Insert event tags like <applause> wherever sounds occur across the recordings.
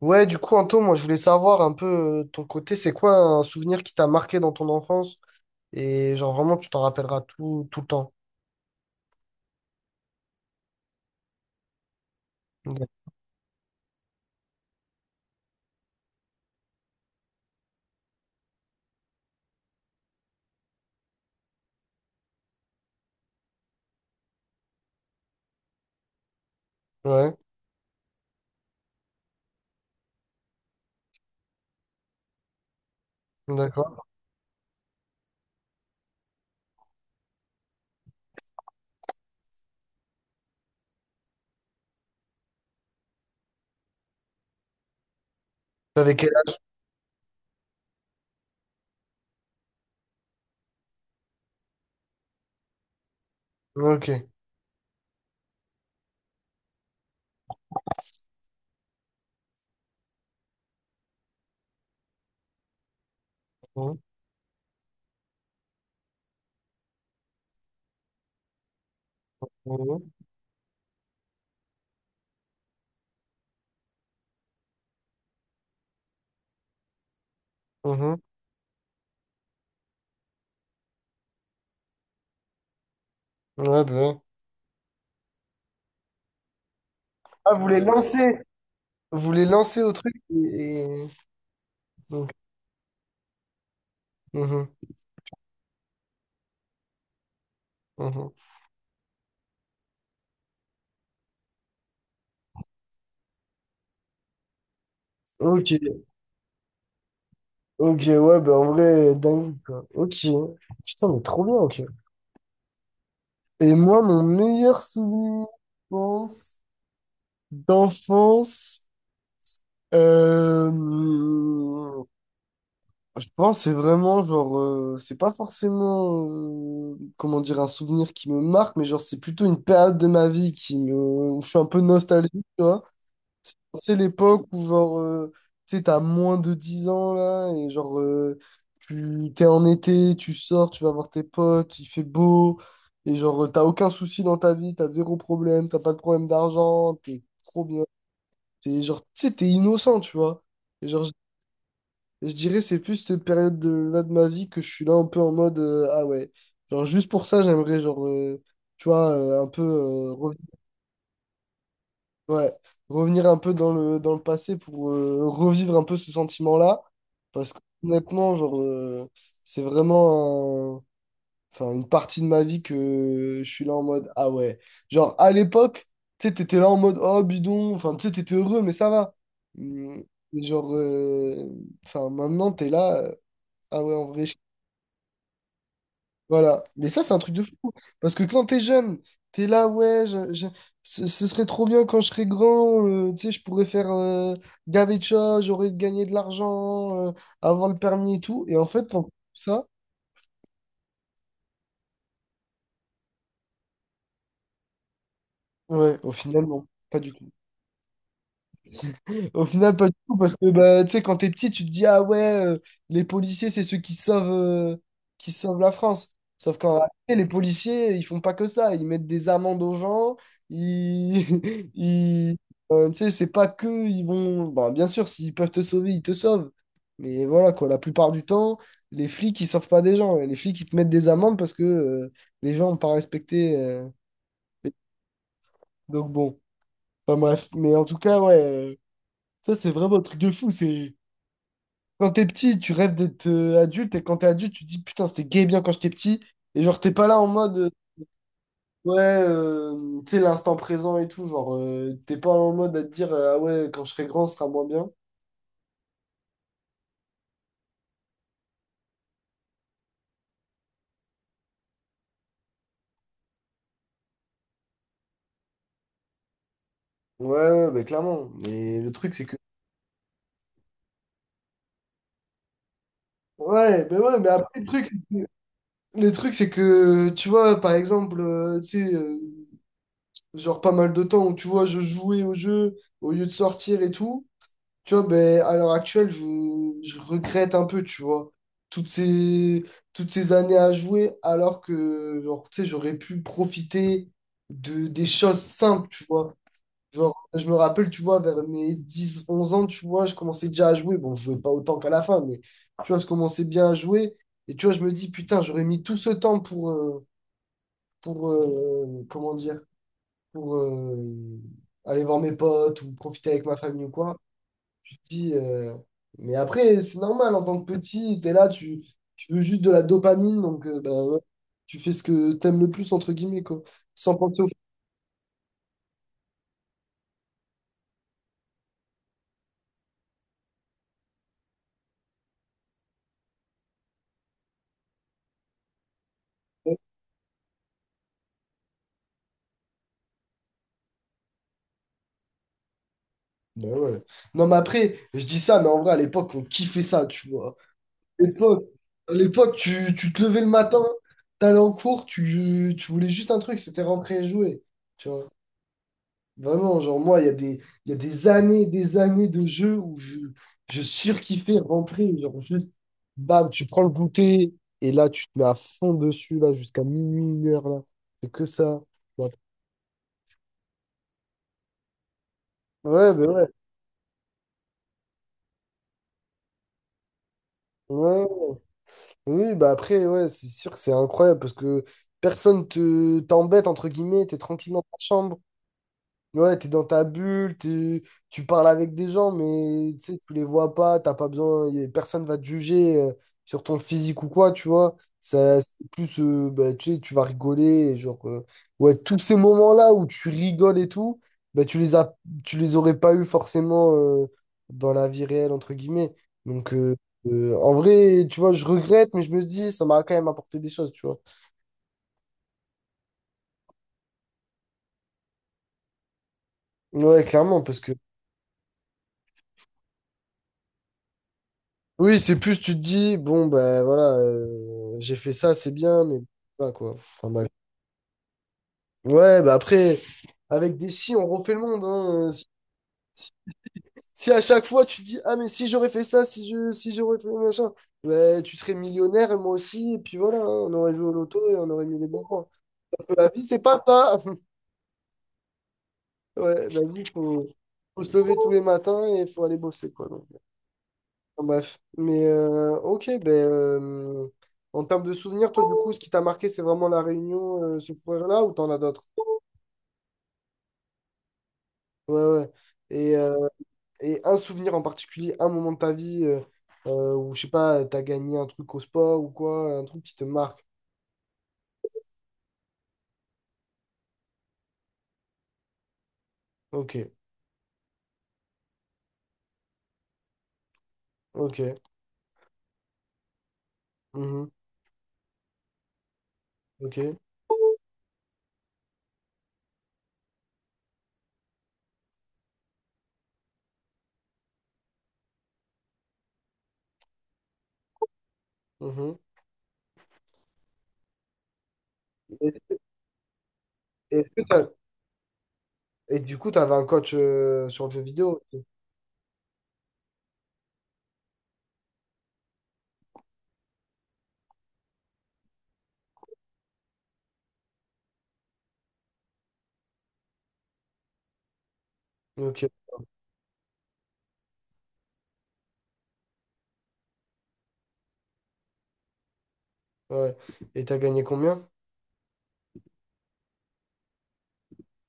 Ouais, du coup, Anto, moi, je voulais savoir un peu ton côté. C'est quoi un souvenir qui t'a marqué dans ton enfance et genre vraiment tu t'en rappelleras tout, tout le temps? D'ac- Ouais, d'accord. Avec quel âge? Ok. Mhm. Mhm. Mhm. Ouais, bah ouais. Ah, vous les lancez au truc et- donc, mhm, mhm. Ok, ok, ouais, bah en vrai, dingue, quoi. Ok, putain, mais trop bien, ok. Et moi, mon meilleur souvenir, je pense, d'enfance... Euh, je pense que c'est vraiment genre, c'est pas forcément, comment dire, un souvenir qui me marque, mais genre c'est plutôt une période de ma vie qui me, où je suis un peu nostalgique, tu vois. C'est l'époque où genre, tu sais, t'as moins de 10 ans là, et genre, tu t'es en été, tu sors, tu vas voir tes potes, il fait beau, et genre, t'as aucun souci dans ta vie, t'as zéro problème, t'as pas de problème d'argent, t'es trop bien, t'es genre, tu sais, t'es innocent, tu vois. Et genre, je dirais c'est plus cette période de, là, de ma vie, que je suis là un peu en mode, ah ouais, genre juste pour ça j'aimerais genre, tu vois, un peu, ouais, revenir un peu dans le passé pour, revivre un peu ce sentiment-là, parce que honnêtement genre, c'est vraiment enfin une partie de ma vie que je suis là en mode ah ouais, genre à l'époque tu sais t'étais là en mode oh bidon, enfin tu sais t'étais heureux mais ça va. Hum. Genre, enfin maintenant t'es là, ah ouais en vrai. Voilà. Mais ça, c'est un truc de fou. Parce que quand t'es jeune, t'es là, ouais, ce ce serait trop bien quand je serais grand, tu sais, je pourrais faire, gaver de choses, j'aurais gagné de l'argent, avoir le permis et tout. Et en fait, pendant tout ça, ouais, au final, non, pas du tout. Au final, pas du tout, parce que bah, tu sais, quand t'es petit, tu te dis, ah ouais, les policiers, c'est ceux qui sauvent la France. Sauf qu'en réalité, les policiers, ils font pas que ça. Ils mettent des amendes aux gens. Ils, <laughs> ils- tu sais, c'est pas que ils vont. Bon, bien sûr, s'ils peuvent te sauver, ils te sauvent. Mais voilà, quoi, la plupart du temps, les flics, ils sauvent pas des gens. Les flics, ils te mettent des amendes parce que, les gens n'ont pas respecté. Les- Donc bon, enfin bref. Mais en tout cas, ouais, ça, c'est vraiment un truc de fou. C'est. Quand t'es petit, tu rêves d'être, adulte, et quand t'es adulte, tu te dis putain, c'était gay bien quand j'étais petit, et genre t'es pas là en mode, ouais, tu sais, l'instant présent et tout, genre, t'es pas en mode à te dire, ah ouais, quand je serai grand, ce sera moins bien. Ouais, ouais, bah clairement, mais le truc c'est que. Ouais, ben ouais, mais après, le truc, le truc c'est que tu vois, par exemple, tu sais, genre pas mal de temps où tu vois, je jouais au jeu au lieu de sortir et tout. Tu vois, ben, à l'heure actuelle, je regrette un peu, tu vois, toutes ces, toutes ces années à jouer, alors que, genre, tu sais, j'aurais pu profiter de, des choses simples, tu vois. Genre, je me rappelle, tu vois, vers mes 10 11 ans, tu vois, je commençais déjà à jouer. Bon, je jouais pas autant qu'à la fin, mais, tu vois, je commençais bien à jouer. Et, tu vois, je me dis, putain, j'aurais mis tout ce temps pour comment dire, pour aller voir mes potes ou profiter avec ma famille ou quoi. Tu te dis, mais après, c'est normal, en tant que petit, t'es là, tu veux juste de la dopamine, donc, bah, ouais, tu fais ce que t'aimes le plus, entre guillemets, quoi, sans penser au... Ben ouais. Non, mais après, je dis ça, mais en vrai, à l'époque, on kiffait ça, tu vois. À l'époque, tu te levais le matin, t'allais en cours, tu voulais juste un truc, c'était rentrer et jouer, tu vois. Vraiment, genre moi, il y a des années de jeux où je surkiffais rentrer. Genre juste, bam, tu prends le goûter et là, tu te mets à fond dessus, là, jusqu'à minuit, une heure, là. C'est que ça. Ouais, ouais, bah ouais. Ouais. Oui, bah après, ouais, c'est sûr que c'est incroyable parce que personne te t'embête, entre guillemets, t'es tranquille dans ta chambre. Ouais, t'es dans ta bulle, tu parles avec des gens, mais tu sais, tu les vois pas, t'as pas besoin, personne va te juger, sur ton physique ou quoi, tu vois. Ça, c'est plus, bah, tu sais, tu vas rigoler, et genre, ouais, tous ces moments-là où tu rigoles et tout, bah, tu les as, tu les aurais pas eu forcément, dans la vie réelle, entre guillemets. Donc, en vrai, tu vois, je regrette, mais je me dis, ça m'a quand même apporté des choses, tu vois. Ouais, clairement, parce que oui, c'est plus tu te dis, bon, ben voilà, j'ai fait ça, c'est bien, mais voilà quoi. Enfin, bref. Ouais, bah après, avec des si, on refait le monde, hein. Si- si à chaque fois tu te dis, ah, mais si j'aurais fait ça, si j'aurais fait machin, bah, tu serais millionnaire, et moi aussi, et puis voilà, hein, on aurait joué au loto et on aurait mis les bons points. La vie, c'est pas ça. <laughs> Ouais, la vie, faut se lever tous les matins et faut aller bosser quoi. Donc, enfin, bref. Mais ok, ben, en termes de souvenirs, toi, du coup, ce qui t'a marqué, c'est vraiment la réunion, ce foyer-là, ou t'en as d'autres? Ouais, ouais. Et, euh, et un souvenir en particulier, un moment de ta vie, où, je sais pas, t'as gagné un truc au sport ou quoi, un truc qui te marque. Ok, ok, mhm, ok, mhm. Et, est-ce que et du coup, t'avais un coach, sur le jeu vidéo. Ok, ouais. Et t'as gagné combien?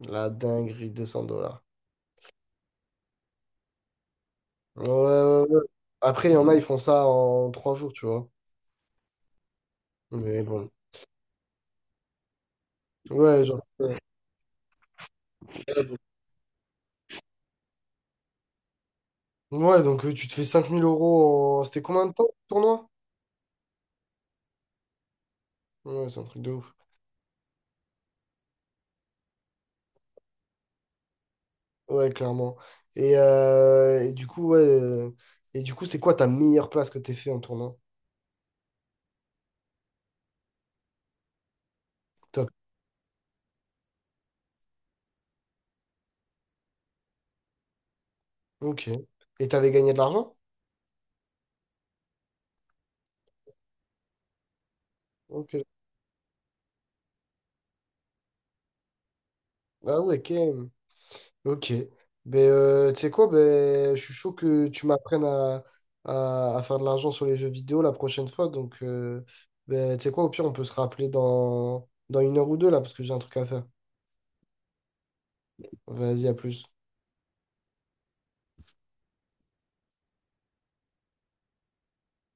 La dinguerie, 200 dollars. Ouais, ouais, ouais. Après, il y en a, ils font ça en 3 jours, tu vois. Mais bon. Ouais, genre, ouais, donc, tu te fais 5 000 euros en... C'était combien de temps, le tournoi? Ouais, c'est un truc de ouf. Ouais, clairement. Et du coup, ouais, et du coup, c'est quoi ta meilleure place que t'es fait en tournoi? Top. Ok. Et t'avais gagné de l'argent? Ok. Ah ouais, ok. Ok. Ben, tu sais quoi, ben, je suis chaud que tu m'apprennes à faire de l'argent sur les jeux vidéo la prochaine fois. Donc, ben, tu sais quoi, au pire, on peut se rappeler dans une heure ou deux, là, parce que j'ai un truc à faire. Vas-y, à plus.